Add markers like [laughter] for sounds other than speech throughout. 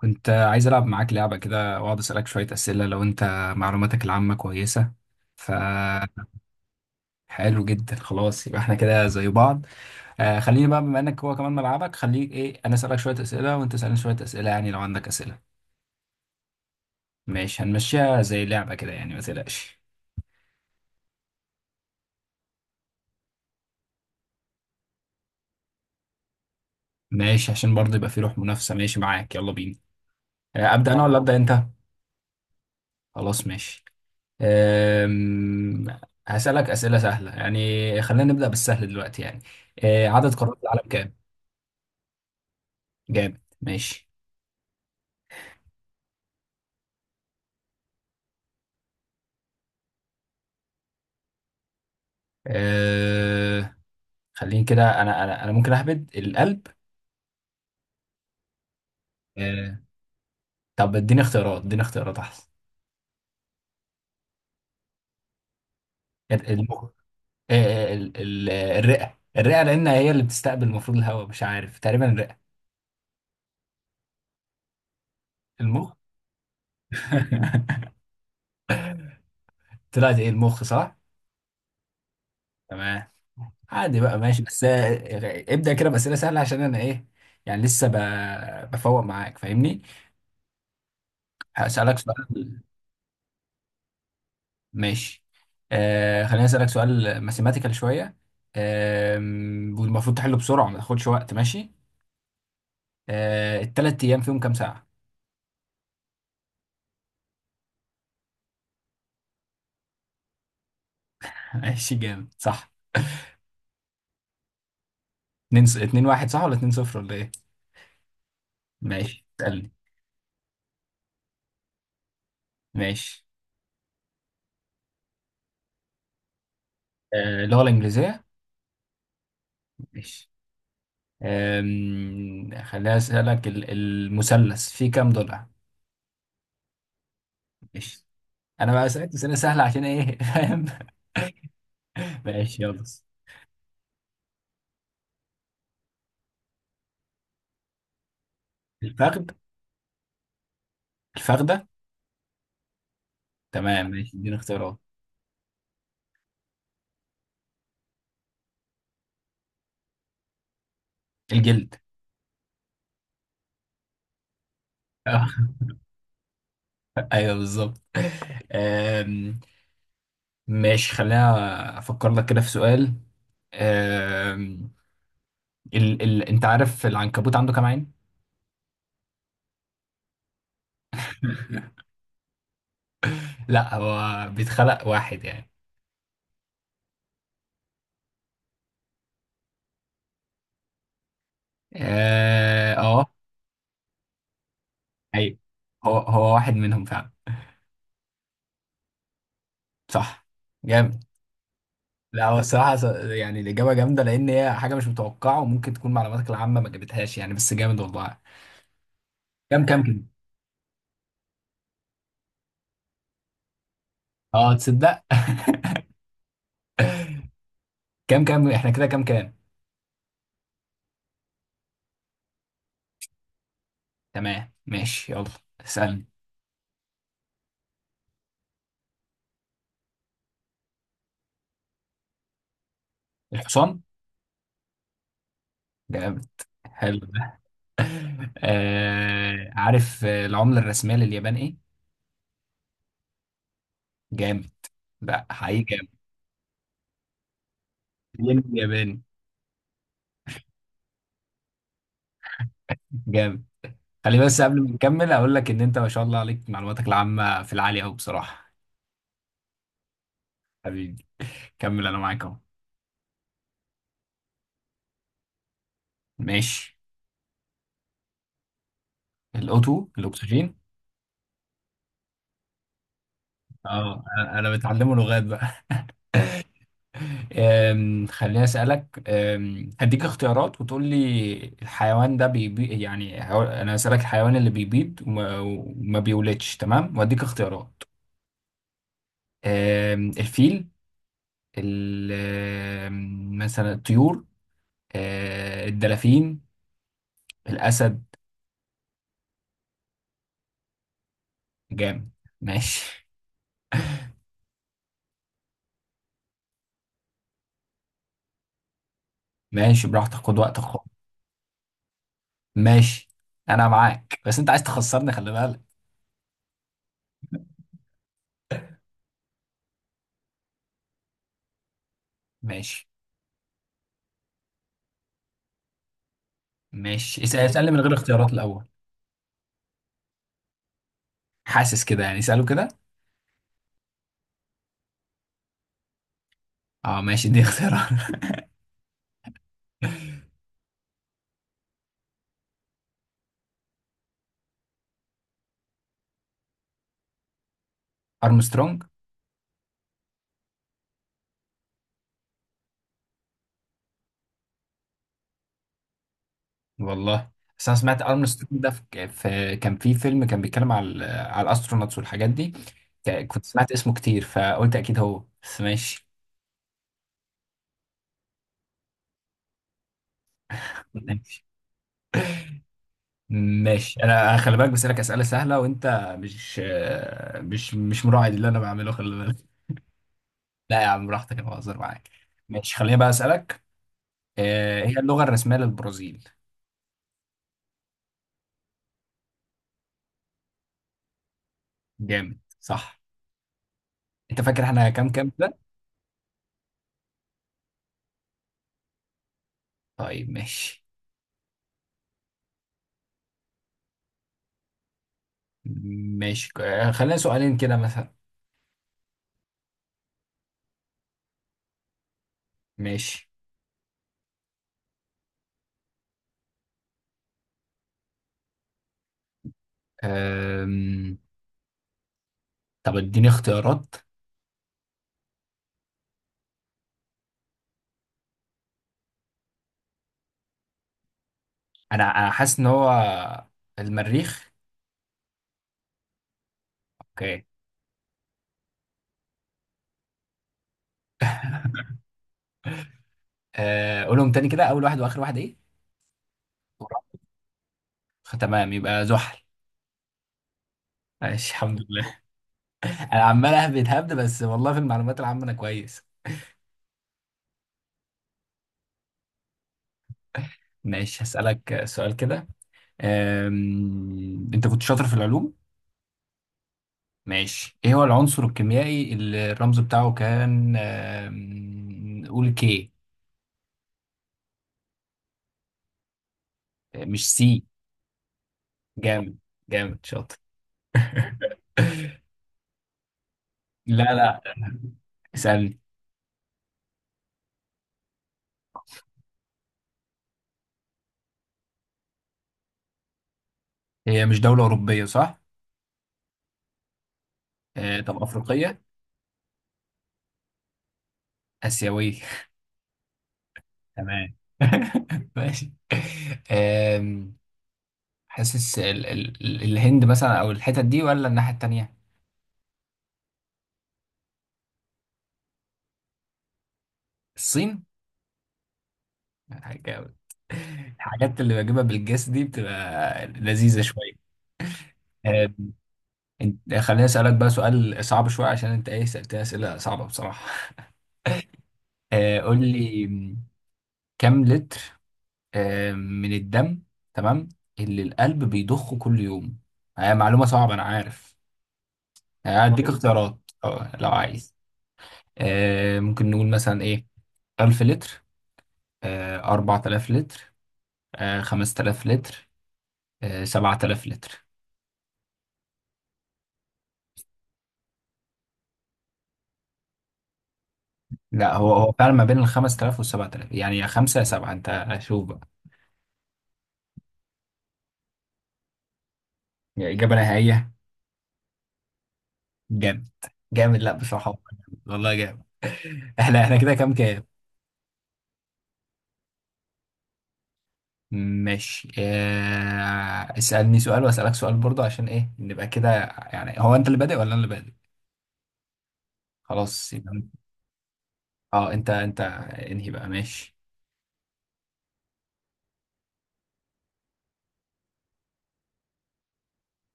كنت عايز ألعب معاك لعبة كده وأقعد أسألك شوية أسئلة لو أنت معلوماتك العامة كويسة. ف حلو جدا. خلاص، يبقى احنا كده زي بعض. خليني بقى، بما انك هو كمان ملعبك، خليك ايه، انا اسالك شويه اسئله وانت اسالني شويه اسئله، يعني لو عندك اسئله. ماشي، هنمشيها زي لعبه كده، يعني ما تقلقش. ماشي، عشان برضه يبقى في روح منافسه. ماشي معاك، يلا بينا. ابدا انا؟ ولا خلاص، ابدا انت. خلاص ماشي. آم، هسالك اسئله سهله، يعني خلينا نبدا بالسهل دلوقتي يعني. عدد قارات العالم كام؟ جامد، ماشي. آه... خليني كده، انا ممكن اهبد القلب. آه... طب اديني اختيارات، اديني اختيارات احسن. المخ. الرئة لان هي اللي بتستقبل المفروض الهواء، مش عارف، تقريبا الرئة. المخ. [laughs] طلعت ايه؟ المخ صح. تمام. عادي بقى، ماشي، بس ابدأ كده بأسئلة سهلة عشان انا ايه، يعني لسه بفوق معاك، فاهمني. هسألك سؤال. ماشي، خليني اسالك سؤال ماثيماتيكال شويه. آه والمفروض تحله بسرعه، ما تاخدش وقت، ماشي. الثلاث ايام فيهم كام ساعه؟ [laughs] ماشي، جامد، صح. 2 2 1 صح ولا 2 0 ولا ايه؟ ماشي، اسالني. ماشي، اللغه الانجليزيه. ماشي. خليني اسالك، المثلث فيه كام ضلع؟ ماشي، انا بقى سالت سنه سهله عشان ايه؟ [laughs] فاهم. ماشي يلا. الفخذ. الفخده. تمام، ماشي، اديني اختيارات. الجلد. [laughs] ايوه بالظبط. [laughs] أم، ماشي، خلينا افكر لك كده في سؤال. أم، انت عارف العنكبوت عنده كام عين؟ [laughs] لا، هو بيتخلق واحد يعني. اه آه، ايوه، هو هو واحد منهم فعلا. صح، جامد. لا، هو الصراحة يعني الإجابة جامدة لأن هي حاجة مش متوقعة وممكن تكون معلوماتك العامة ما جابتهاش يعني، بس جامد والله. كام كام كده؟ اه، تصدق. [laughs] كام كام احنا كده؟ كام كام؟ تمام، ماشي، يلا، اسألني. الحصان. جامد، حلو ده. [laughs] عارف، العملة الرسمية لليابان ايه؟ جامد، لا حقيقي جامد. ين الياباني. جامد. خلي بس قبل ما نكمل اقول لك ان انت ما شاء الله عليك معلوماتك العامة في العالي قوي بصراحة. حبيبي، كمل، انا معاك اهو. ماشي، الاكسجين. اه، أنا متعلمه لغات بقى. خليني أسألك. هديك اختيارات وتقول لي. الحيوان ده بيبي يعني أنا هسألك الحيوان اللي بيبيض وما بيولدش. تمام، وأديك اختيارات. الفيل، ال- مثلا الطيور، الدلافين، الأسد. جامد، ماشي. ماشي براحتك، خد وقتك خالص. ماشي، أنا معاك، بس أنت عايز تخسرني، خلي بالك. ماشي. ماشي، اسألني من غير اختيارات الأول. حاسس كده، يعني اسأله كده. اه ماشي، دي اختيار. [laughs] ارمسترونج. والله، بس انا سمعت ارمسترونج ده في كان في فيلم كان بيتكلم على على الاسترونوتس والحاجات دي، كنت سمعت اسمه كتير فقلت اكيد هو، بس ماشي. ماشي. ماشي، انا خلي بالك بسألك اسئله سهله وانت مش مش مراعي اللي انا بعمله، خلي بالك. لا يا عم، براحتك، انا بهزر معاك. ماشي، خليني بقى اسالك. هي اللغه الرسميه للبرازيل. جامد، صح. انت فاكر احنا كام كام ده؟ طيب، ماشي. ماشي، خلينا سؤالين كده مثلا. ماشي. أم... طب اديني اختيارات. انا حاسس ان هو المريخ. اوكي. قولهم تاني كده، اول واحد واخر واحد ايه؟ تمام، يبقى زحل. ماشي، الحمد لله. [laughs] انا عمال اهبد هبد بس، والله في المعلومات العامة انا كويس. ماشي، هسألك سؤال كده. انت كنت شاطر في العلوم. ماشي، ايه هو العنصر الكيميائي اللي الرمز بتاعه كان، قول كي، مش سي. جامد، جامد، شاطر. [laughs] لا، لا، اسألني. هي مش دولة أوروبية صح؟ طب أفريقية؟ آسيوية. تمام. [laughs] ماشي. آم، حاسس الهند مثلا أو الحتت دي، ولا الناحية التانية؟ الصين؟ جامد. الحاجات اللي بجيبها بالجس دي بتبقى لذيذة شوية. آم، خليني أسألك بقى سؤال صعب شوية عشان أنت إيه، سألتني أسئلة صعبة بصراحة. [laughs] قول لي، كم لتر من الدم، تمام، اللي القلب بيضخه كل يوم. هي معلومة صعبة أنا عارف. هديك طيب اختيارات، لو عايز. ممكن نقول مثلا إيه، 1000 لتر، 4000 لتر، 5000 لتر، 7000 لتر. لا، هو هو فعلا ما بين ال 5000 وال 7000، يعني يا 5 يا 7، أنت شوف بقى. يعني إجابة نهائية. جامد، جامد، لا بصراحة. والله جامد. [laughs] احنا كده كام كام؟ ماشي، اسألني سؤال واسألك سؤال برضه عشان ايه نبقى كده، يعني هو انت اللي بادئ ولا انا اللي بادئ؟ خلاص، يبقى اه انت انهي بقى. ماشي.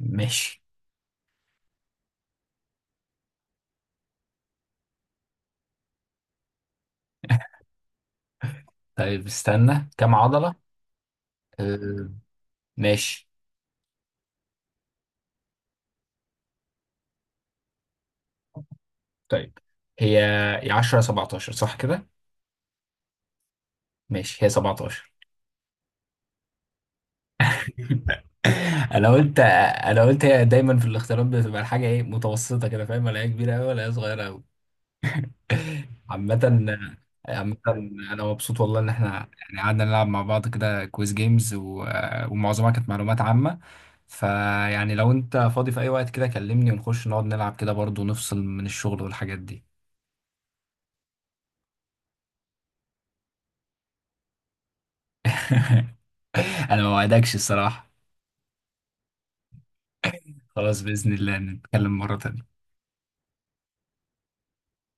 ماشي، طيب، استنى، كم عضلة؟ آه، ماشي، طيب. هي هي 10 17 صح كده؟ ماشي، هي 17. [laughs] انا قلت هي دايما في الاختيارات بتبقى الحاجة ايه، متوسطة كده، فاهم، ولا هي كبيرة قوي ولا هي صغيرة قوي. عامة، عامة. أنا مبسوط والله إن إحنا يعني قعدنا نلعب مع بعض كده كويز جيمز و... ومعظمها كانت معلومات عامة، فيعني لو أنت فاضي في أي وقت كده كلمني ونخش نقعد نلعب كده برضه، نفصل من الشغل والحاجات دي. [laughs] أنا ما وعدكش الصراحة. خلاص، بإذن الله نتكلم مرة تانية.